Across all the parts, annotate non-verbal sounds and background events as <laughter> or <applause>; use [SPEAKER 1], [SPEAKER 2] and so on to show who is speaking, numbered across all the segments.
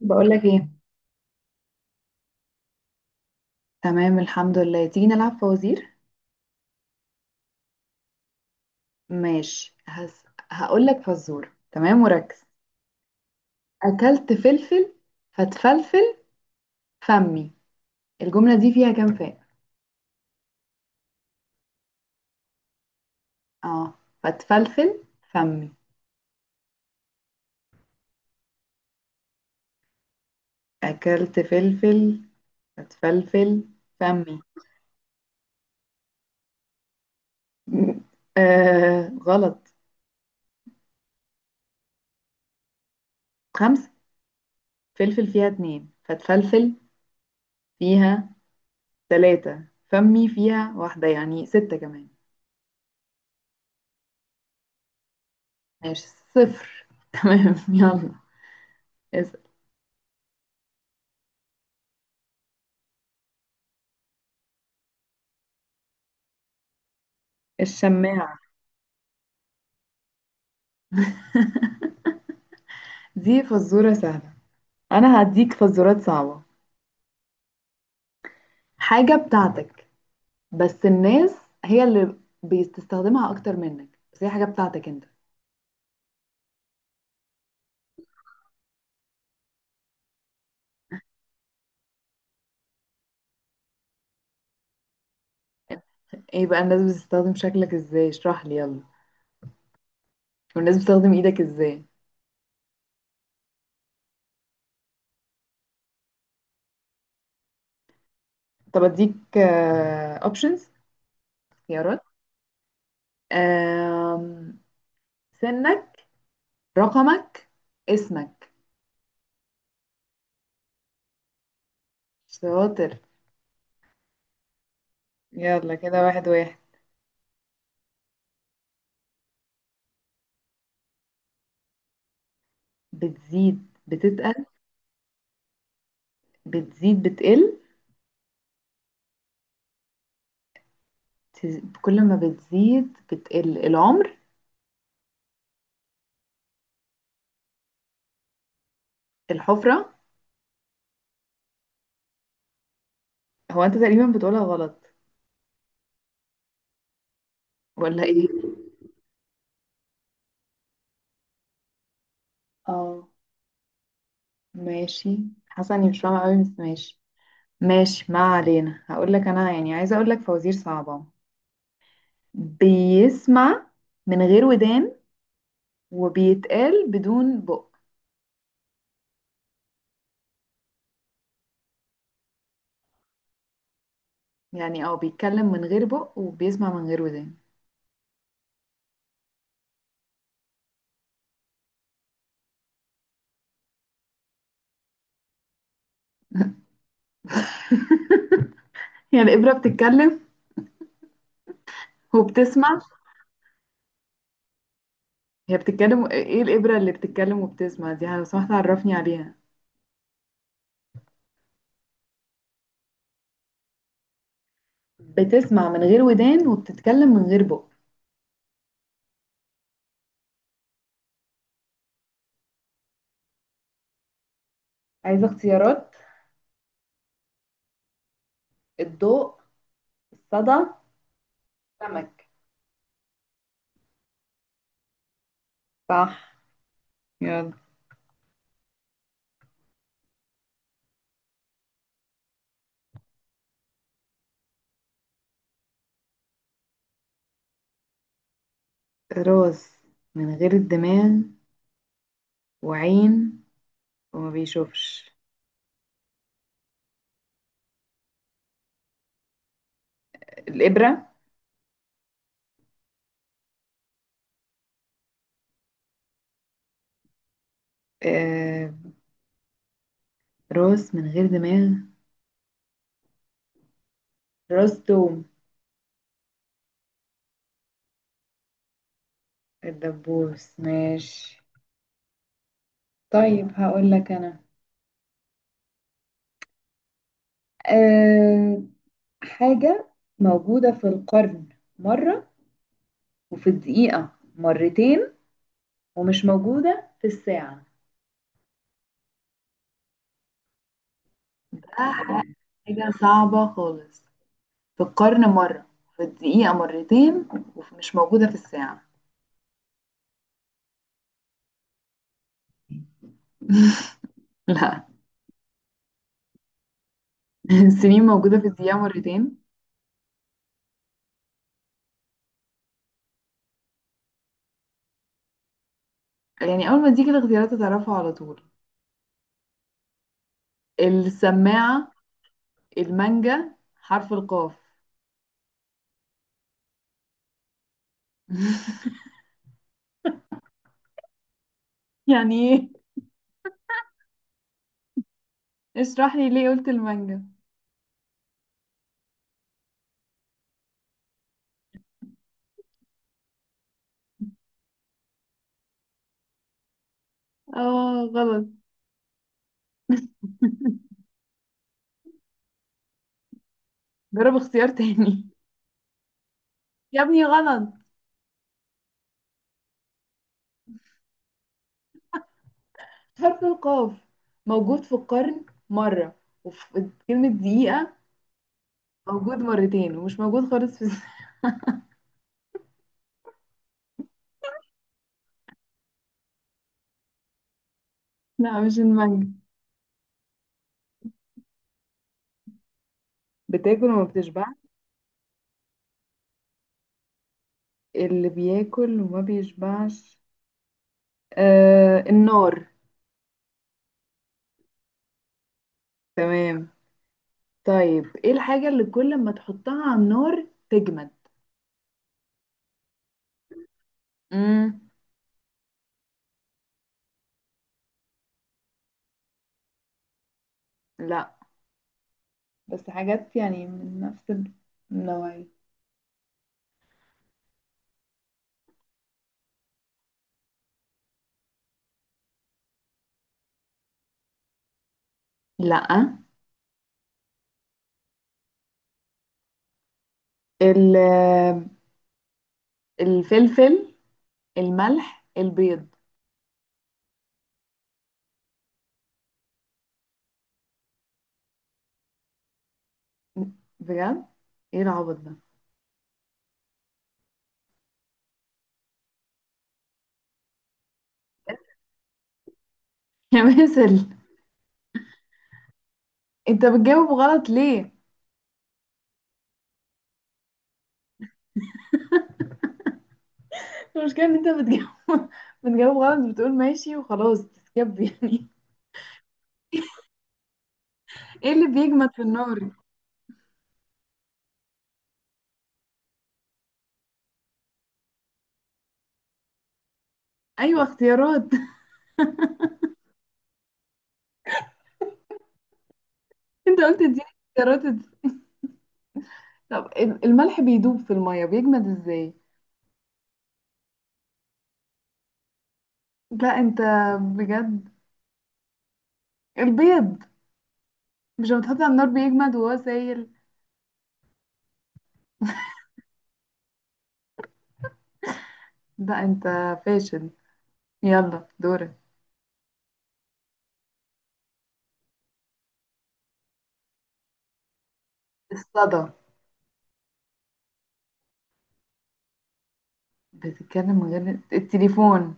[SPEAKER 1] بقولك ايه؟ تمام، الحمد لله. تيجي نلعب فوازير؟ ماشي. هقولك فزورة. تمام، وركز. اكلت فلفل فتفلفل فمي. الجملة دي فيها كام فاء؟ اه. فتفلفل فمي. اكلت فلفل فتفلفل فمي. <laughs> آه، غلط. خمسة. فلفل فيها اتنين، فتفلفل فيها تلاتة، فمي فيها واحدة، يعني ستة كمان. ماشي. صفر. <laughs> تمام، يلا. الشماعة. دي فزورة سهلة. أنا هديك فزورات صعبة. حاجة بتاعتك، بس الناس هي اللي بتستخدمها أكتر منك، بس هي حاجة بتاعتك أنت. إيه بقى الناس بتستخدم شكلك إزاي؟ اشرح لي يلا. والناس بتستخدم إيدك إزاي؟ طب أديك أوبشنز، خيارات. آم، سنك، رقمك، اسمك. شاطر. يلا كده، واحد واحد. بتزيد بتتقل؟ بتزيد بتقل. كل ما بتزيد بتقل، العمر. الحفرة. هو انت تقريبا بتقولها غلط ولا ايه؟ اه، ماشي. حاسة اني مش فاهمة قوي، بس ماشي. ماشي، ما علينا. هقول لك انا، يعني عايزة اقول لك فوازير صعبة. بيسمع من غير ودان وبيتقال بدون بق. يعني او بيتكلم من غير بق وبيسمع من غير ودان. <laughs> يعني الإبرة بتتكلم وبتسمع؟ هي بتتكلم؟ ايه الإبرة اللي بتتكلم وبتسمع دي؟ لو سمحت عرفني عليها. بتسمع من غير ودان وبتتكلم من غير بق. عايزة اختيارات. الضوء، الصدى، سمك. صح، يلا. راس من غير الدماغ، وعين وما بيشوفش. الإبرة. آه. راس من غير دماغ، راس توم. الدبوس، ماشي. طيب هقول لك أنا. أه حاجة موجودة في القرن مرة، وفي الدقيقة مرتين، ومش موجودة في الساعة. حاجة صعبة خالص. في القرن مرة، في الدقيقة مرتين، ومش موجودة في الساعة. لا. <laughs> السنين موجودة في الدقيقة مرتين. يعني أول ما تيجي الاختيارات هتعرفها على طول. السماعة، المانجا، حرف القاف. يعني ايه؟ اشرح لي ليه قلت المانجا. اه، غلط. جرب اختيار تاني. <laughs> يا ابني غلط. حرف القاف موجود في القرن مرة، وفي كلمة دقيقة موجود مرتين، ومش موجود خالص في. لا، مش المانجا. بتاكل وما بتشبعش. اللي بياكل وما بيشبعش. آه، النار. تمام. طيب ايه الحاجة اللي كل ما تحطها على النار تجمد؟ مم. لا. بس حاجات يعني من نفس النوعية. لا. ال- الفلفل، الملح، البيض. بجد؟ ايه العبط ده. <laughs> يا باسل، انت بتجاوب غلط ليه؟ المشكلة ان انت بتجاوب <laughs> بتجاوب غلط، بتقول ماشي وخلاص، بتسكب يعني. ايه اللي بيجمد في النار؟ ايوه، اختيارات. <laughs> انت قلت اديني اختيارات. طب الملح بيدوب في المية، بيجمد ازاي؟ لا انت، بجد. البيض، مش لما تحطه على النار بيجمد وهو سايل؟ لا انت فاشل. يلا دورك. الصدى. بتتكلم من غير التليفون.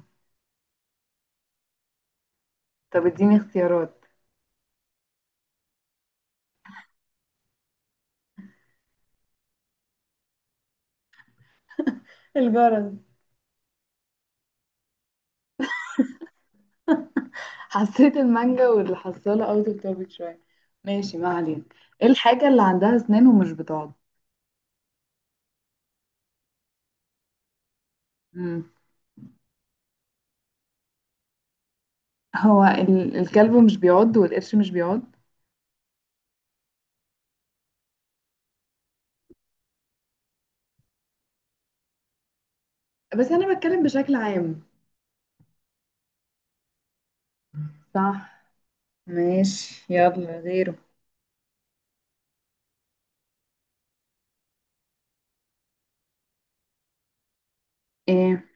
[SPEAKER 1] طب اديني اختيارات. الجرس. حسيت المانجا والحصالة اوت اوف توبيك شوية. ماشي، ما علينا. ايه الحاجة اللي عندها اسنان ومش بتعض؟ مم. هو الكلب مش بيعض والقرش مش بيعض. بس انا بتكلم بشكل عام. صح. ماشي، يلا غيره. ايه؟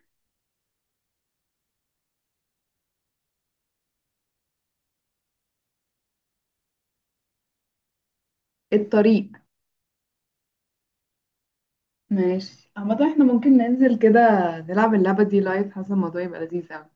[SPEAKER 1] الطريق. ماشي، عامة احنا ممكن ننزل كده نلعب اللعبة دي لايف. حاسة الموضوع يبقى لذيذ اوي.